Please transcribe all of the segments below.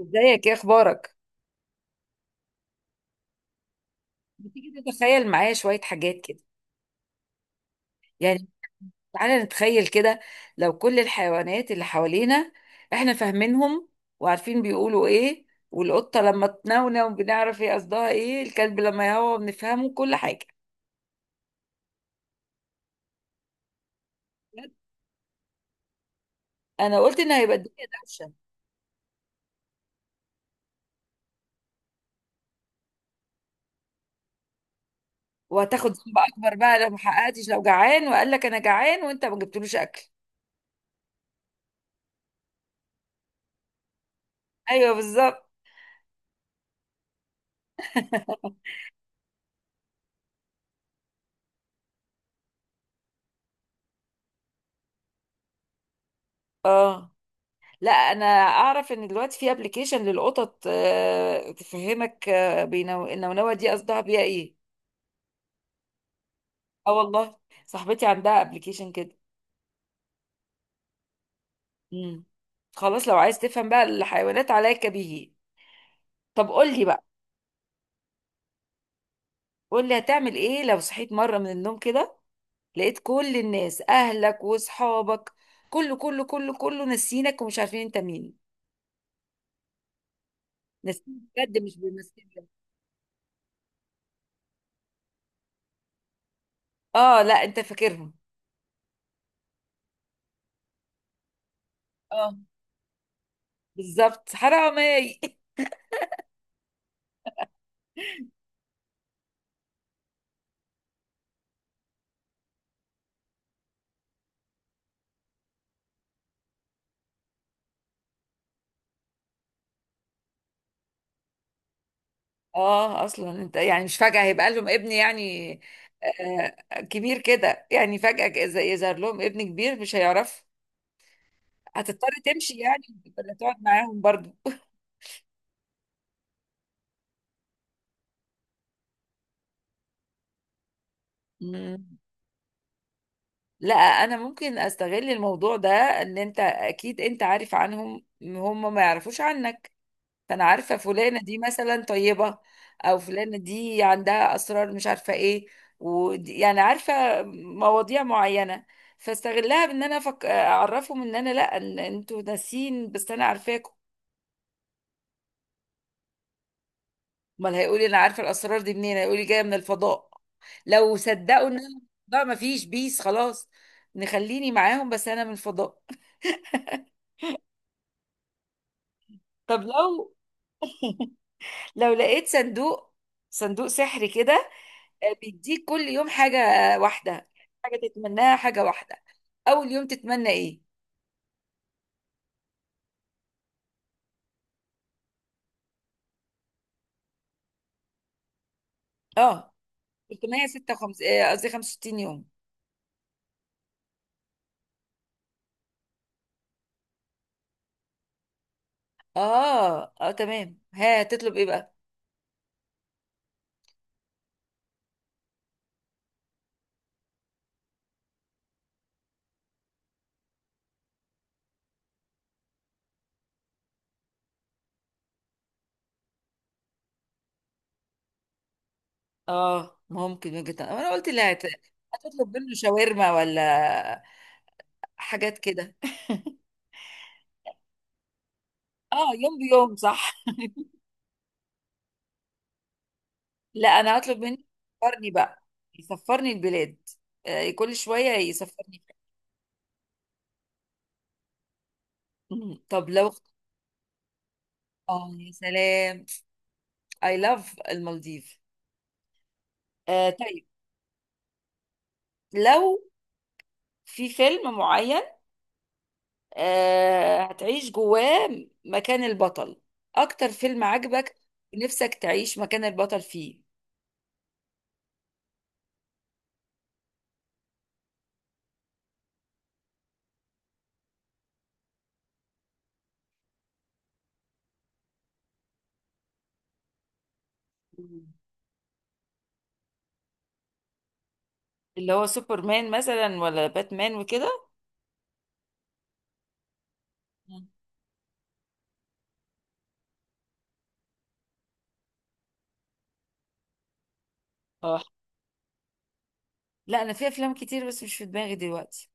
ازيك، ايه اخبارك؟ بتيجي تتخيل معايا شوية حاجات كده يعني؟ تعالى نتخيل كده. لو كل الحيوانات اللي حوالينا احنا فاهمينهم وعارفين بيقولوا ايه، والقطة لما تنونو بنعرف هي قصدها ايه، الكلب لما يهوى بنفهمه كل حاجة. انا قلت ان هيبقى الدنيا دوشة. وهتاخد ذنب اكبر بقى لو ما حققتش، لو جعان وقال لك انا جعان وانت ما جبتلوش اكل. ايوه، بالظبط. اه، لا انا اعرف ان دلوقتي في ابلكيشن للقطط تفهمك، النونوه دي قصدها بيها ايه. اه والله، صاحبتي عندها ابلكيشن كده. امم. خلاص، لو عايز تفهم بقى الحيوانات عليك به. طب قول لي بقى، قول لي هتعمل ايه لو صحيت مره من النوم كده، لقيت كل الناس، اهلك واصحابك، كله كله كله كله ناسينك ومش عارفين انت مين. ناسين بجد، مش بيمثلك. اه، لا انت فاكرهم. اه، بالظبط، حرامي. اه، اصلا انت يعني مش فجأة هيبقى لهم ابن يعني، آه كبير كده، يعني فجأة إذا يظهر لهم ابن كبير مش هيعرف. هتضطر تمشي يعني ولا تقعد معاهم برضو؟ مم. لا، انا ممكن استغل الموضوع ده، ان انت اكيد انت عارف عنهم، هم ما يعرفوش عنك، فانا عارفه فلانه دي مثلا طيبه، او فلانه دي عندها اسرار مش عارفه ايه، ودي يعني عارفه مواضيع معينه، فاستغلها بان انا اعرفهم ان انا لا، إن انتوا ناسين بس انا عارفاكم. امال هيقولي انا عارفه الاسرار دي منين؟ هيقولي جايه من الفضاء. لو صدقوا ان انا بقى ما فيش بيس خلاص، نخليني معاهم بس انا من الفضاء. طب لو لقيت صندوق، صندوق سحري كده، بيديك كل يوم حاجة واحدة، حاجة تتمناها، حاجة واحدة، أول يوم تتمنى إيه؟ آه، 356، قصدي 65 يوم. آه تمام، ها تطلب إيه بقى؟ آه ممكن وجهة نظر. أنا قلت لا، هتطلب منه شاورما ولا حاجات كده؟ آه، يوم بيوم، صح. لا، أنا هطلب منه يسفرني بقى، يسفرني البلاد، آه كل شوية يسفرني. مم. طب لو آه يا سلام، I love المالديف. آه، طيب، لو في فيلم معين، آه هتعيش جواه مكان البطل، اكتر فيلم عجبك نفسك تعيش مكان البطل فيه؟ مم. اللي هو سوبرمان مثلا ولا باتمان وكده؟ مم. اه، لا انا في افلام كتير بس مش في دماغي دلوقتي.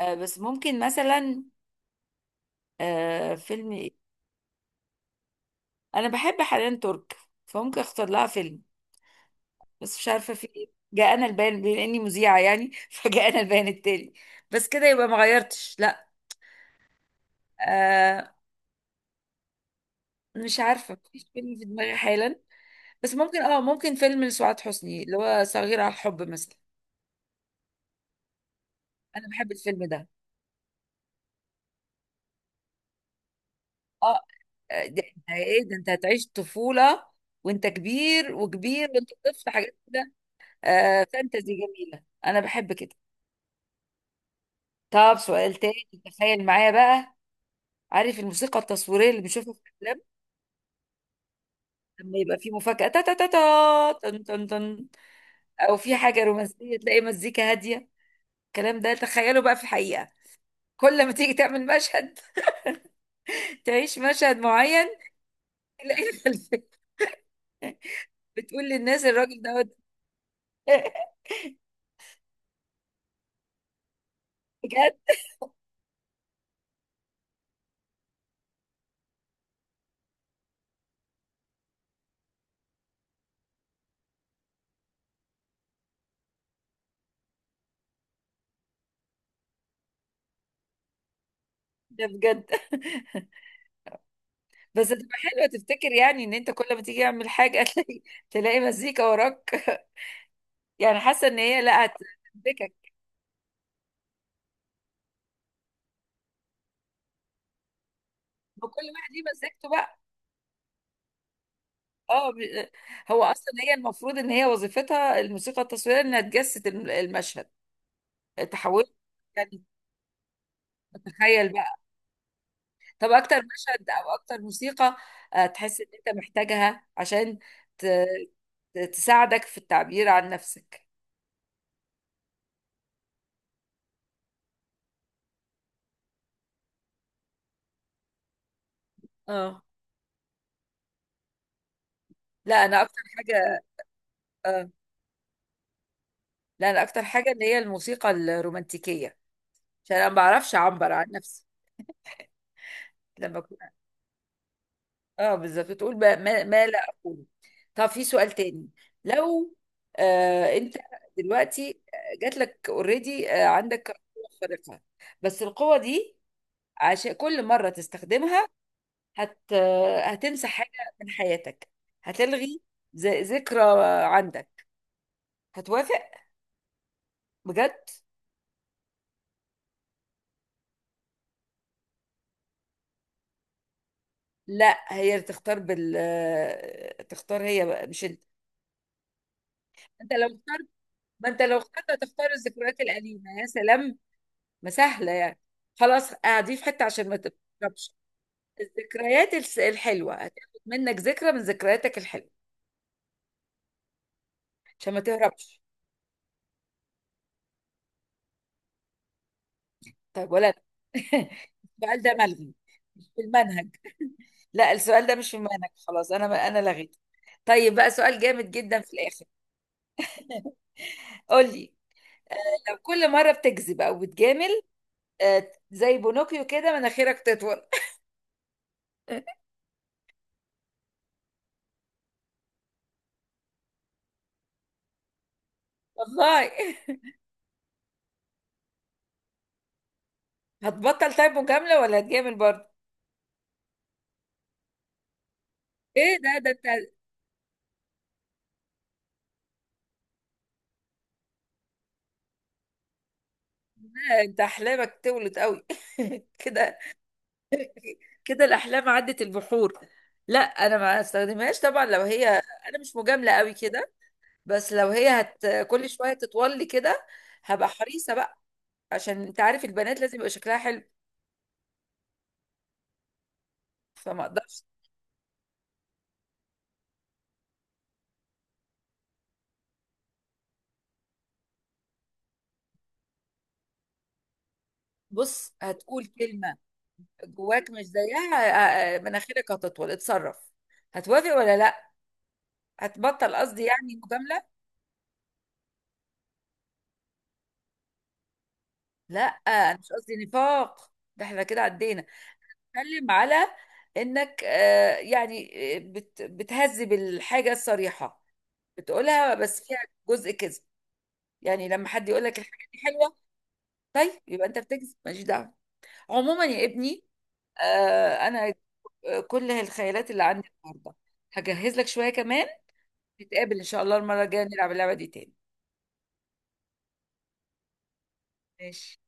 آه بس ممكن مثلا، فيلم إيه؟ انا بحب حنان ترك، فممكن اختار لها فيلم، بس مش عارفه في ايه. جاءنا البيان، بما اني مذيعه يعني، فجاءنا البيان التالي. بس كده يبقى ما غيرتش، لا. آه، مش عارفة، مفيش فيلم في دماغي حالا، بس ممكن، ممكن فيلم لسعاد حسني، اللي هو صغير على الحب مثلا. انا بحب الفيلم ده. اه، ده، ده ايه انت هتعيش طفولة وانت كبير، وكبير وانت طفل، حاجات كده. فانتزي جميلة، انا بحب كده. طب، سؤال تاني، تخيل معايا بقى. عارف الموسيقى التصويرية اللي بنشوفها في الافلام؟ لما يبقى في مفاجأة، تا تا تا تا تن تن تن، او في حاجة رومانسية تلاقي مزيكا هادية، الكلام ده تخيله بقى في الحقيقة. كل ما تيجي تعمل مشهد، تعيش مشهد معين، تلاقي الخلفية بتقول للناس الراجل دوت. بجد؟ ده بجد. بس تبقى حلوة تفتكر يعني ان انت كل ما تيجي تعمل حاجة تلاقي مزيكا وراك. يعني حاسة ان هي لا هتفكك وكل واحد ليه مزيكته بقى. اه ب- هو اصلا هي المفروض ان هي وظيفتها الموسيقى التصويرية انها تجسد المشهد، تحول يعني، تتخيل بقى. طب اكتر مشهد او اكتر موسيقى تحس ان انت محتاجها عشان ت... تساعدك في التعبير عن نفسك؟ اه لا انا اكتر حاجه آه، لا، انا اكتر حاجه اللي هي الموسيقى الرومانتيكيه، عشان انا ما بعرفش اعبر عن نفسي لما اكون. اه، بالظبط، تقول بقى ما لا اقوله. طب، في سؤال تاني، لو انت دلوقتي جات لك اوريدي عندك قوه خارقه، بس القوه دي عشان كل مره تستخدمها هت هتمسح حاجة من حياتك، هتلغي ذكرى عندك، هتوافق؟ بجد. لا، هي اللي تختار، تختار هي بقى مش انت. انت لو اخترت ما انت لو اخترت هتختار الذكريات الأليمة يا سلام، ما سهلة يعني، خلاص اعديه في حتة عشان ما تهربش. الذكريات الحلوة، هتاخد منك ذكرى من ذكرياتك الحلوة عشان ما تهربش. طيب ولا. السؤال ده ملغي، مش في المنهج، لا، السؤال ده مش في مهنك، خلاص، انا لغيته. طيب بقى، سؤال جامد جدا في الاخر، قول لي، لو كل مره بتكذب او بتجامل، زي بونوكيو كده مناخيرك تطول. والله، هتبطل طيب مجامله ولا هتجامل برضه؟ ايه ده انت. انت احلامك تولد قوي كده كده، الاحلام عدت البحور. لا، انا ما استخدمهاش طبعا، لو هي، انا مش مجامله قوي كده، بس لو هي كل شويه تطول لي كده، هبقى حريصه بقى، عشان انت عارف البنات لازم يبقى شكلها حلو، فما اقدرش. بص، هتقول كلمة جواك مش زيها، مناخيرك هتطول، اتصرف، هتوافق ولا لا؟ هتبطل قصدي يعني مجاملة. لا، انا مش قصدي نفاق، ده احنا كده عدينا، اتكلم على انك بتهذب الحاجة الصريحة بتقولها بس فيها جزء كذب، يعني لما حد يقول لك الحاجة دي حلوة، طيب يبقى انت بتكذب ماليش دعوة. عموما يا ابني، انا كل الخيالات اللي عندي النهارده هجهز لك شويه كمان، نتقابل ان شاء الله المره الجايه نلعب اللعبه دي تاني. ماشي.